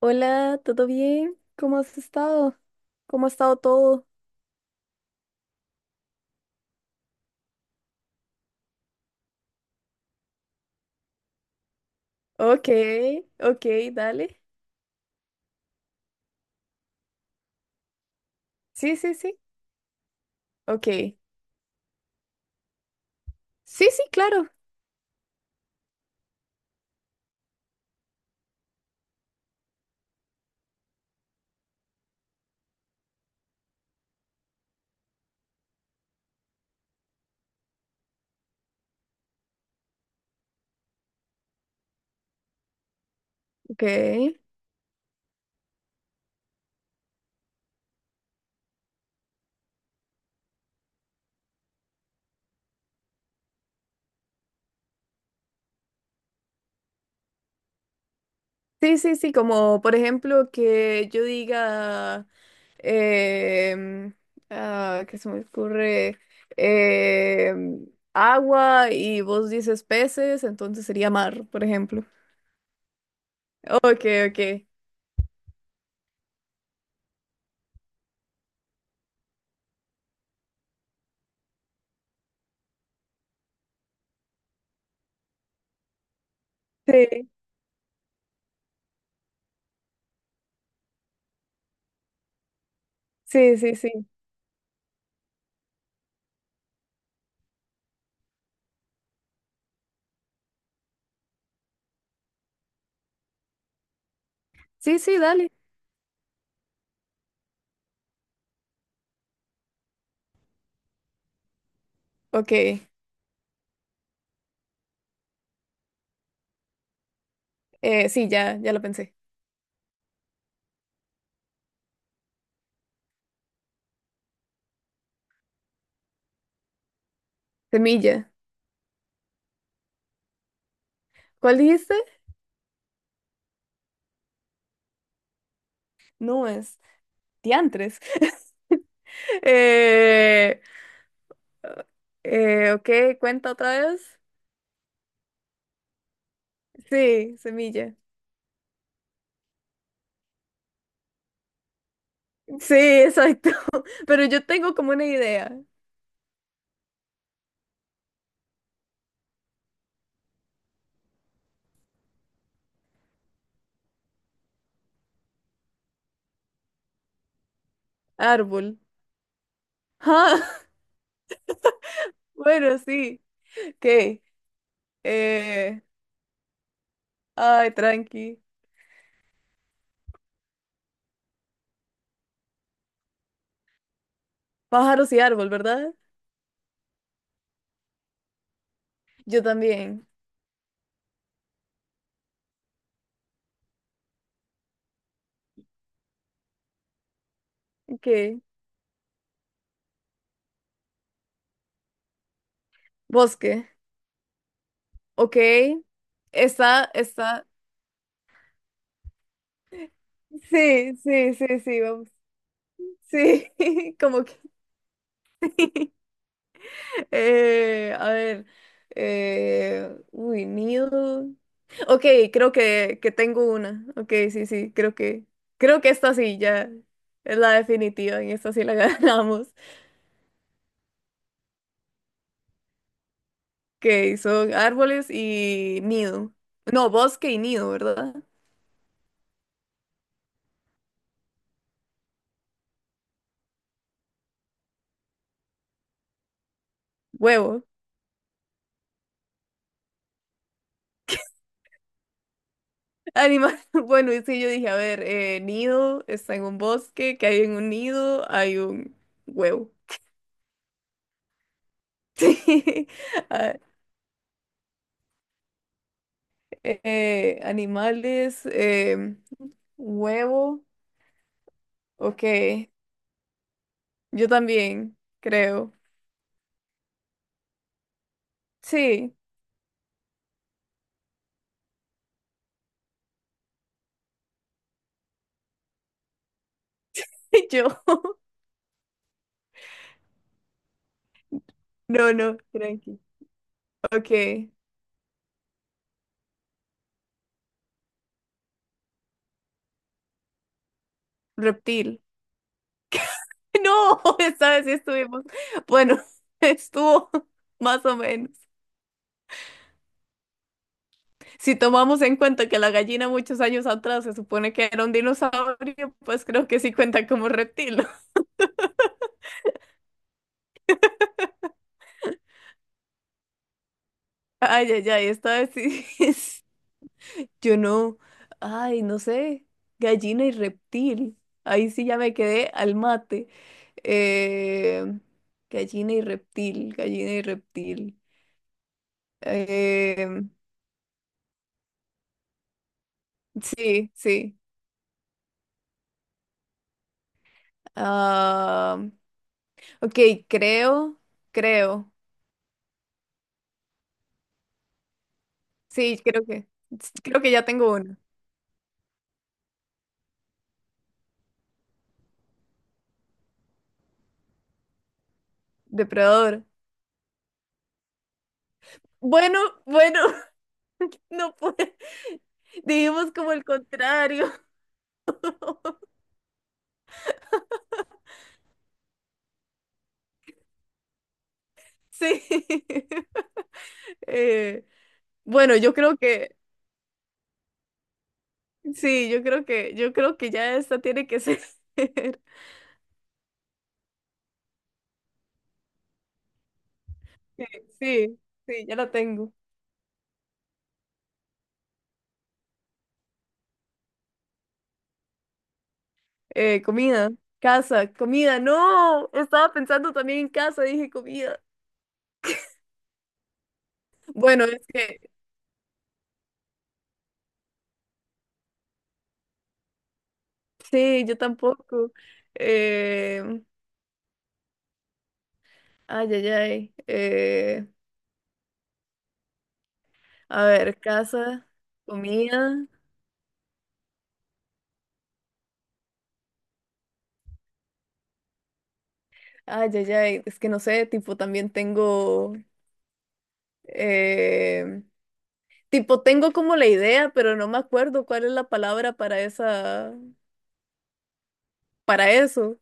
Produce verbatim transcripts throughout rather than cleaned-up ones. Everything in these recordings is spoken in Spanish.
Hola, ¿todo bien? ¿Cómo has estado? ¿Cómo ha estado todo? Ok, ok, dale. Sí, sí, sí. Ok. Sí, sí, claro. Ok. Sí, sí, sí, como por ejemplo que yo diga, em, ah, ¿qué se me ocurre? Em, agua y vos dices peces, entonces sería mar, por ejemplo. Ok, ok. Sí, sí, sí, sí. Sí, sí, dale. Ok, eh, sí, ya, ya lo pensé. Semilla. ¿Cuál dijiste? No es. Diantres. Eh, eh, ok, cuenta otra vez. Sí, semilla. Sí, exacto. Pero yo tengo como una idea. Árbol. Ah, bueno, sí. Ok. Eh, ay, tranqui. Pájaros y árbol, ¿verdad? Yo también. Ok. Bosque. Ok. Está, está. Sí, sí, sí, sí, vamos. Sí, como que. Eh, a ver, eh, uy, nido. Ok, creo que, que tengo una. Ok, sí, sí, creo que, creo que esta sí ya es la definitiva, en esta sí la ganamos. Que son árboles y nido. No, bosque y nido, ¿verdad? Huevo. Animal. Bueno, y sí, yo dije, a ver, eh, nido está en un bosque, que hay en un nido, hay un huevo. Sí. Ah, Eh, animales, eh, huevo. Ok, yo también, creo. Sí, yo. No, no, tranqui. Ok, reptil. No, esta vez sí estuvimos. Bueno, estuvo más o menos. Si tomamos en cuenta que la gallina muchos años atrás se supone que era un dinosaurio, pues creo que sí cuenta como reptil. Ay, ay, ay, esta vez sí. Yo no, ay, no sé, gallina y reptil. Ahí sí ya me quedé al mate. Eh, gallina y reptil, gallina y reptil. Eh, sí, sí. Ah, ok, creo, creo. Sí, creo que, creo que ya tengo uno. Depredador. Bueno, bueno, no puedo. Dijimos como el contrario. Sí. Eh, bueno, yo creo que sí, yo creo que, yo creo que ya esta tiene que ser. Sí, sí, sí, ya la tengo. Eh, comida, casa, comida, no, estaba pensando también en casa, dije comida. Bueno, es que sí, yo tampoco. Eh, ay, ay, ay. Eh, a ver, casa, comida, ay, ay, ay, es que no sé, tipo también tengo, eh, tipo tengo como la idea, pero no me acuerdo cuál es la palabra para esa. Para eso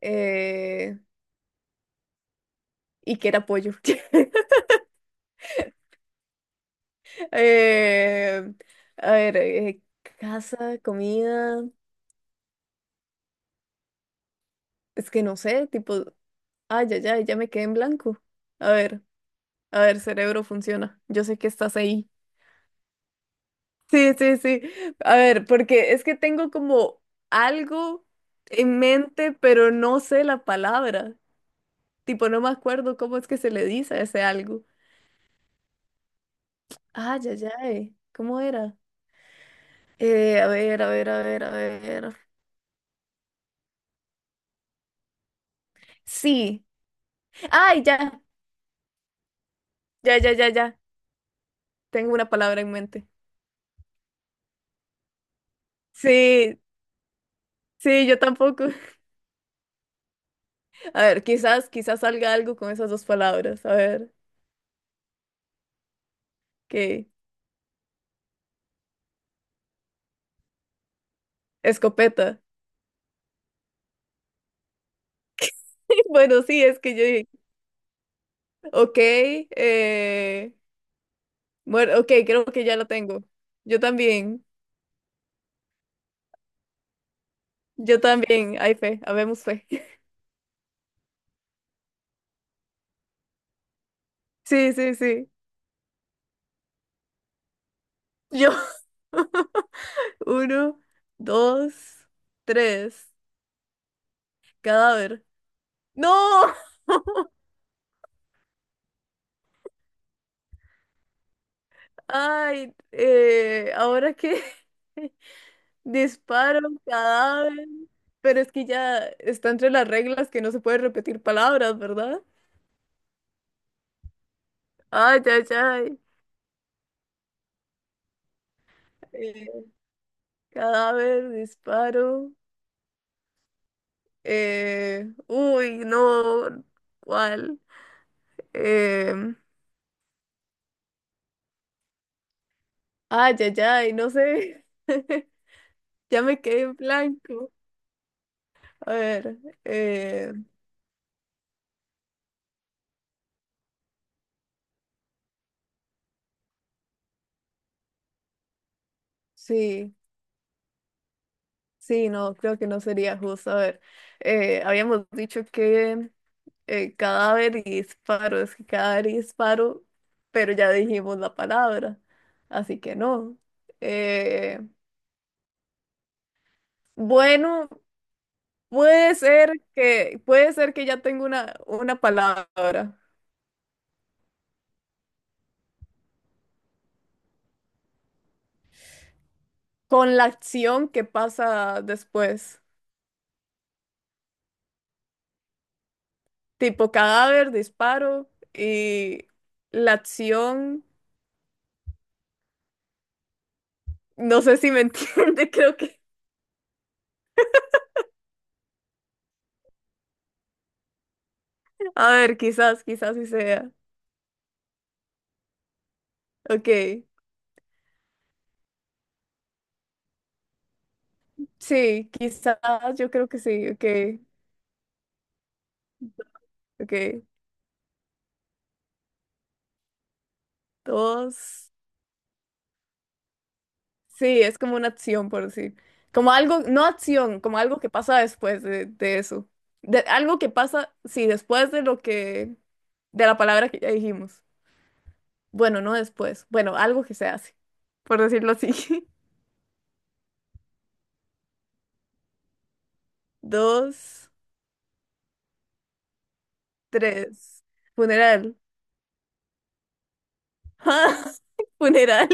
eh, y que era pollo. Eh, a ver, eh, casa, comida, es que no sé, tipo, ay, ya, ya, ya me quedé en blanco. A ver, a ver, cerebro funciona. Yo sé que estás ahí. Sí, sí, sí. A ver, porque es que tengo como algo en mente, pero no sé la palabra. Tipo, no me acuerdo cómo es que se le dice a ese algo. Ay, ya, ya, ¿cómo era? Eh, a ver, a ver, a ver, a ver. Sí. Ay, ya, ya, ya, ya, ya. Tengo una palabra en mente. Sí, sí, yo tampoco. A ver, quizás, quizás salga algo con esas dos palabras. A ver, ¿qué? Escopeta. Bueno, sí, es que yo dije, ok, eh, bueno, ok, creo que ya lo tengo. Yo también, yo también, hay fe, habemos fe. Sí, sí, sí. Yo, uno, dos, tres, cadáver. ¡No! Ay, eh, ahora que disparo cadáver, pero es que ya está entre las reglas que no se puede repetir palabras, ¿verdad? Ay, ay, ay. Eh, cadáver, disparo. eh, uy, no, ¿cuál? Eh, ay, ay, ay, no sé. Ya me quedé en blanco. A ver, eh, sí, sí, no, creo que no sería justo. A ver, eh, habíamos dicho que eh, cadáver y disparo, es que cadáver y disparo, pero ya dijimos la palabra, así que no. Eh, bueno, puede ser que, puede ser que ya tengo una, una palabra con la acción que pasa después, tipo cadáver, disparo y la acción, no sé si me entiende, creo que, a ver, quizás, quizás sí sea, ok. Sí, quizás, yo creo que sí, ok, ok. Dos. Sí, es como una acción, por decir. Como algo, no acción, como algo que pasa después de, de eso. De, algo que pasa, sí, después de lo que, de la palabra que ya dijimos. Bueno, no después. Bueno, algo que se hace, por decirlo así. Dos, tres. Funeral. Funeral.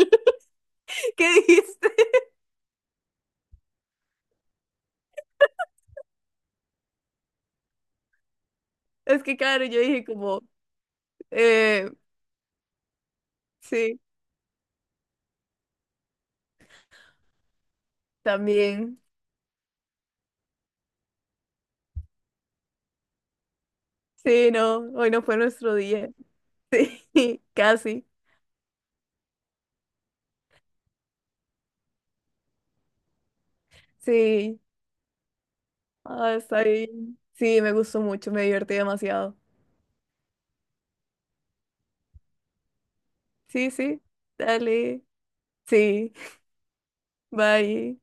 ¿Qué dijiste? Es que claro, yo dije como, eh, sí, también. Sí, no, hoy no fue nuestro día. Sí, casi. Sí, ah, está bien. Sí, me gustó mucho, me divertí demasiado. Sí, sí, dale. Sí, bye.